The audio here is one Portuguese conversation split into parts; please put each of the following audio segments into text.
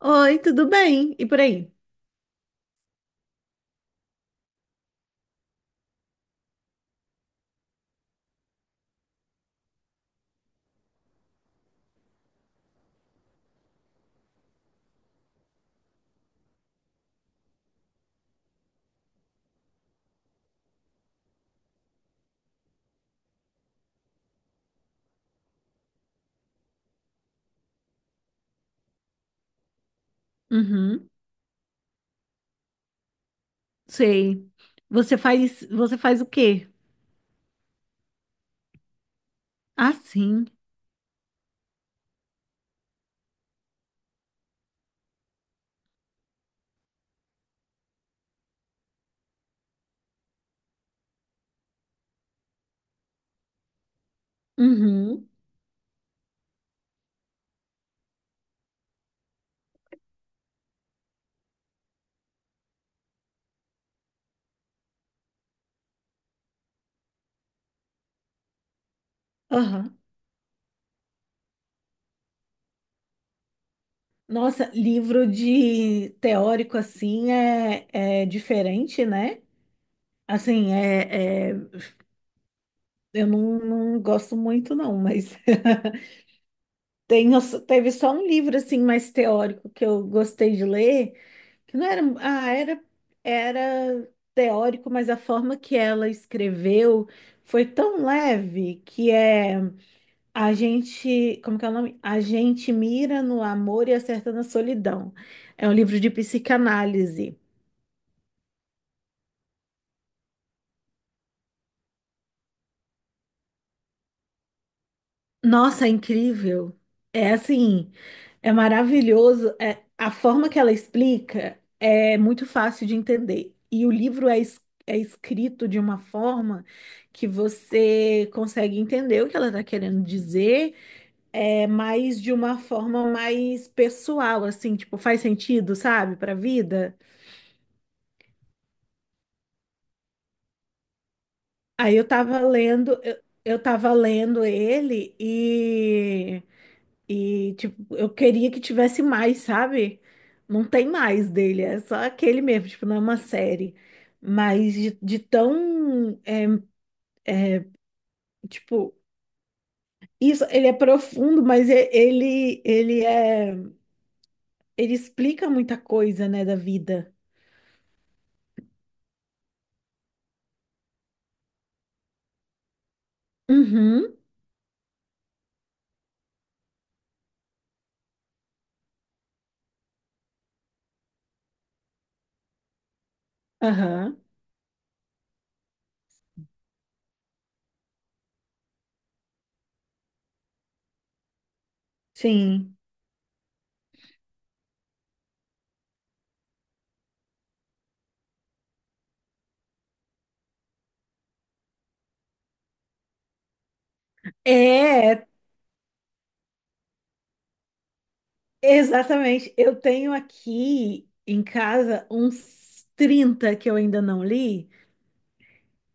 Oi, tudo bem? E por aí? Uhum, sei. Você faz o quê? Ah, sim. Uhum. Aham. Nossa, livro de teórico assim é diferente, né? Assim, eu não gosto muito, não, mas tem, teve só um livro assim mais teórico que eu gostei de ler. Que não era, ah, era, era teórico, mas a forma que ela escreveu foi tão leve que a gente, como que é o nome? A gente mira no amor e acerta na solidão. É um livro de psicanálise. Nossa, é incrível. É assim, é maravilhoso. É, a forma que ela explica é muito fácil de entender. E o livro é escrito de uma forma que você consegue entender o que ela está querendo dizer, é, mas de uma forma mais pessoal, assim, tipo, faz sentido, sabe, para a vida. Aí eu tava lendo, eu tava lendo ele e. E, tipo, eu queria que tivesse mais, sabe? Não tem mais dele, é só aquele mesmo, tipo, não é uma série. Mas de tão, é, tipo, isso, ele é profundo, mas ele é, ele explica muita coisa, né, da vida. Uhum, aham, sim. É, exatamente. Eu tenho aqui em casa uns 30 que eu ainda não li.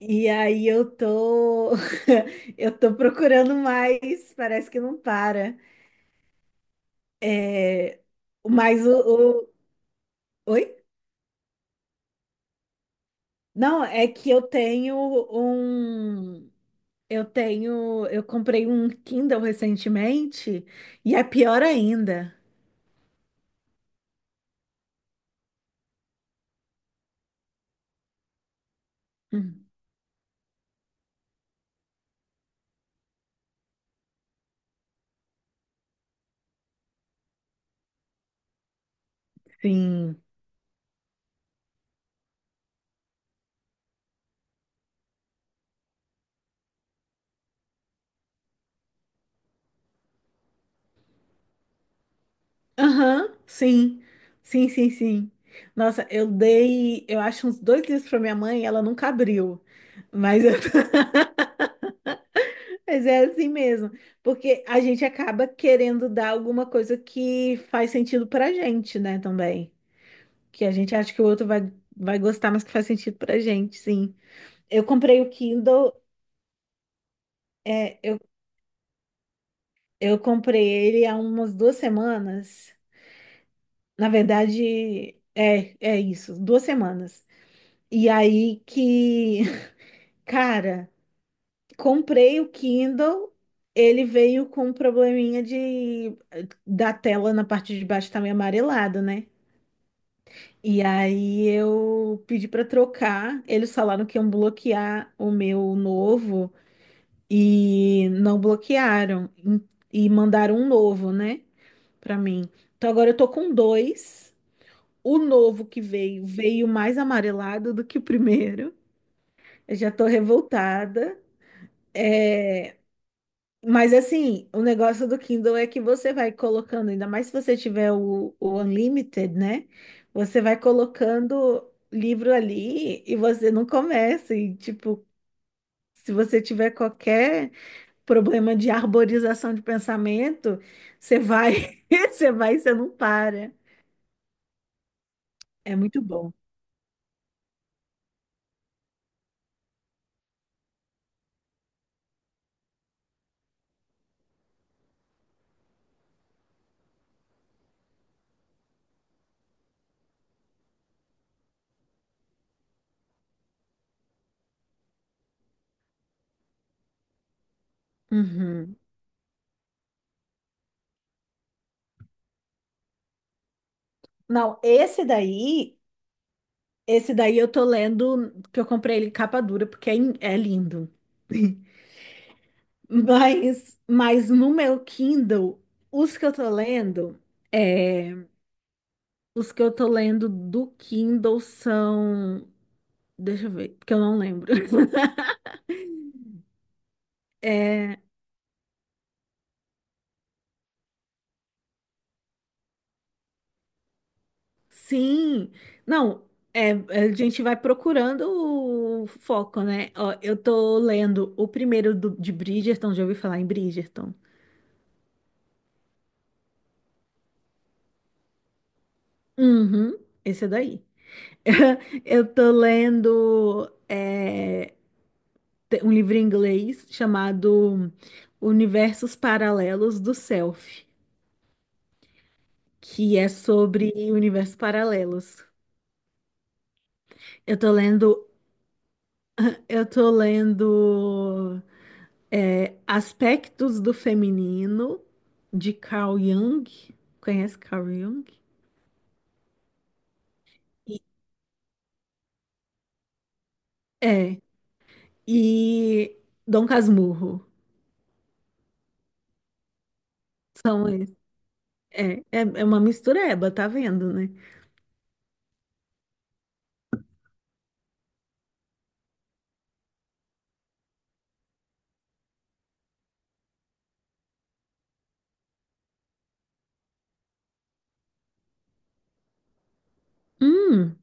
E aí eu tô eu tô procurando mais, parece que não para. É, mas Oi? Não, é que eu tenho um eu tenho eu comprei um Kindle recentemente e é pior ainda. Hum, Sim. Aham, sim. Sim, sim, sim. Nossa, eu dei, eu acho uns dois livros para minha mãe, e ela nunca abriu. Mas eu tô. Mas é assim mesmo, porque a gente acaba querendo dar alguma coisa que faz sentido pra gente, né, também. Que a gente acha que o outro vai gostar, mas que faz sentido pra gente, sim. Eu comprei o Kindle, é, eu comprei ele há umas duas semanas. Na verdade, é, é isso, duas semanas. E aí que, cara. Comprei o Kindle, ele veio com um probleminha de da tela na parte de baixo tá meio amarelado, né? E aí eu pedi para trocar, eles falaram que iam bloquear o meu novo e não bloquearam e mandaram um novo, né, para mim. Então agora eu tô com dois. O novo que veio veio mais amarelado do que o primeiro. Eu já tô revoltada. É, mas assim, o negócio do Kindle é que você vai colocando, ainda mais se você tiver o Unlimited, né? Você vai colocando livro ali e você não começa. E, tipo, se você tiver qualquer problema de arborização de pensamento, você você vai e você não para. É muito bom. Uhum. Não, esse daí eu tô lendo, que eu comprei ele em capa dura, porque é, é lindo. Mas no meu Kindle, os que eu tô lendo, é, os que eu tô lendo do Kindle são, deixa eu ver, porque eu não lembro. É, sim, não, é, a gente vai procurando o foco, né? Ó, eu tô lendo o primeiro de Bridgerton, já ouvi falar em Bridgerton. Uhum, esse é daí. Eu tô lendo. É, um livro em inglês chamado Universos Paralelos do Self, que é sobre universos paralelos. Eu tô lendo, eu tô lendo é, Aspectos do Feminino de Carl Jung. Conhece Carl Jung? E- É, e Dom Casmurro. São esses. É, é uma mistureba, tá vendo, né? Hum,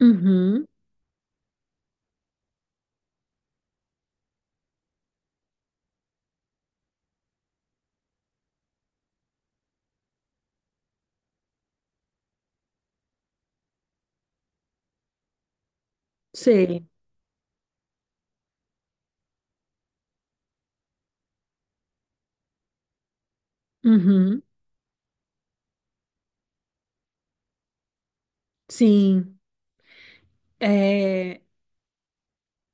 uhum, sei. Uhum, sim. É,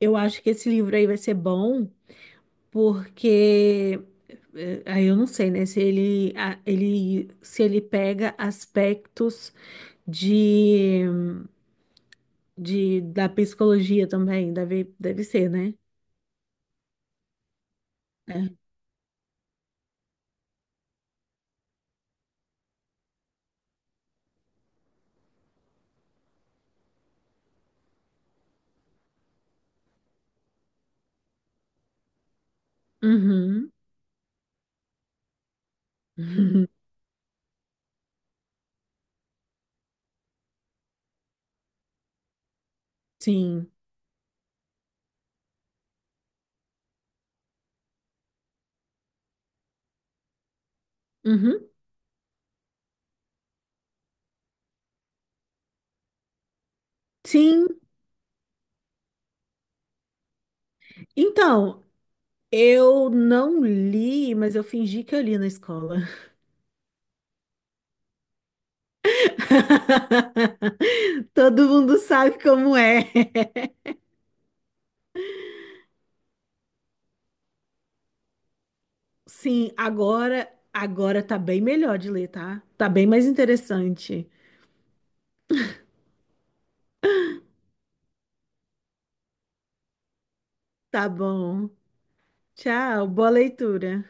eu acho que esse livro aí vai ser bom, porque aí eu não sei, né, se ele, ele se ele pega aspectos de, de da psicologia também, deve ser, né? Uhum. Uhum. Sim. Uhum. Sim. Então, eu não li, mas eu fingi que eu li na escola. Todo mundo sabe como é. Sim, agora tá bem melhor de ler, tá? Tá bem mais interessante. Tá bom. Tchau, boa leitura.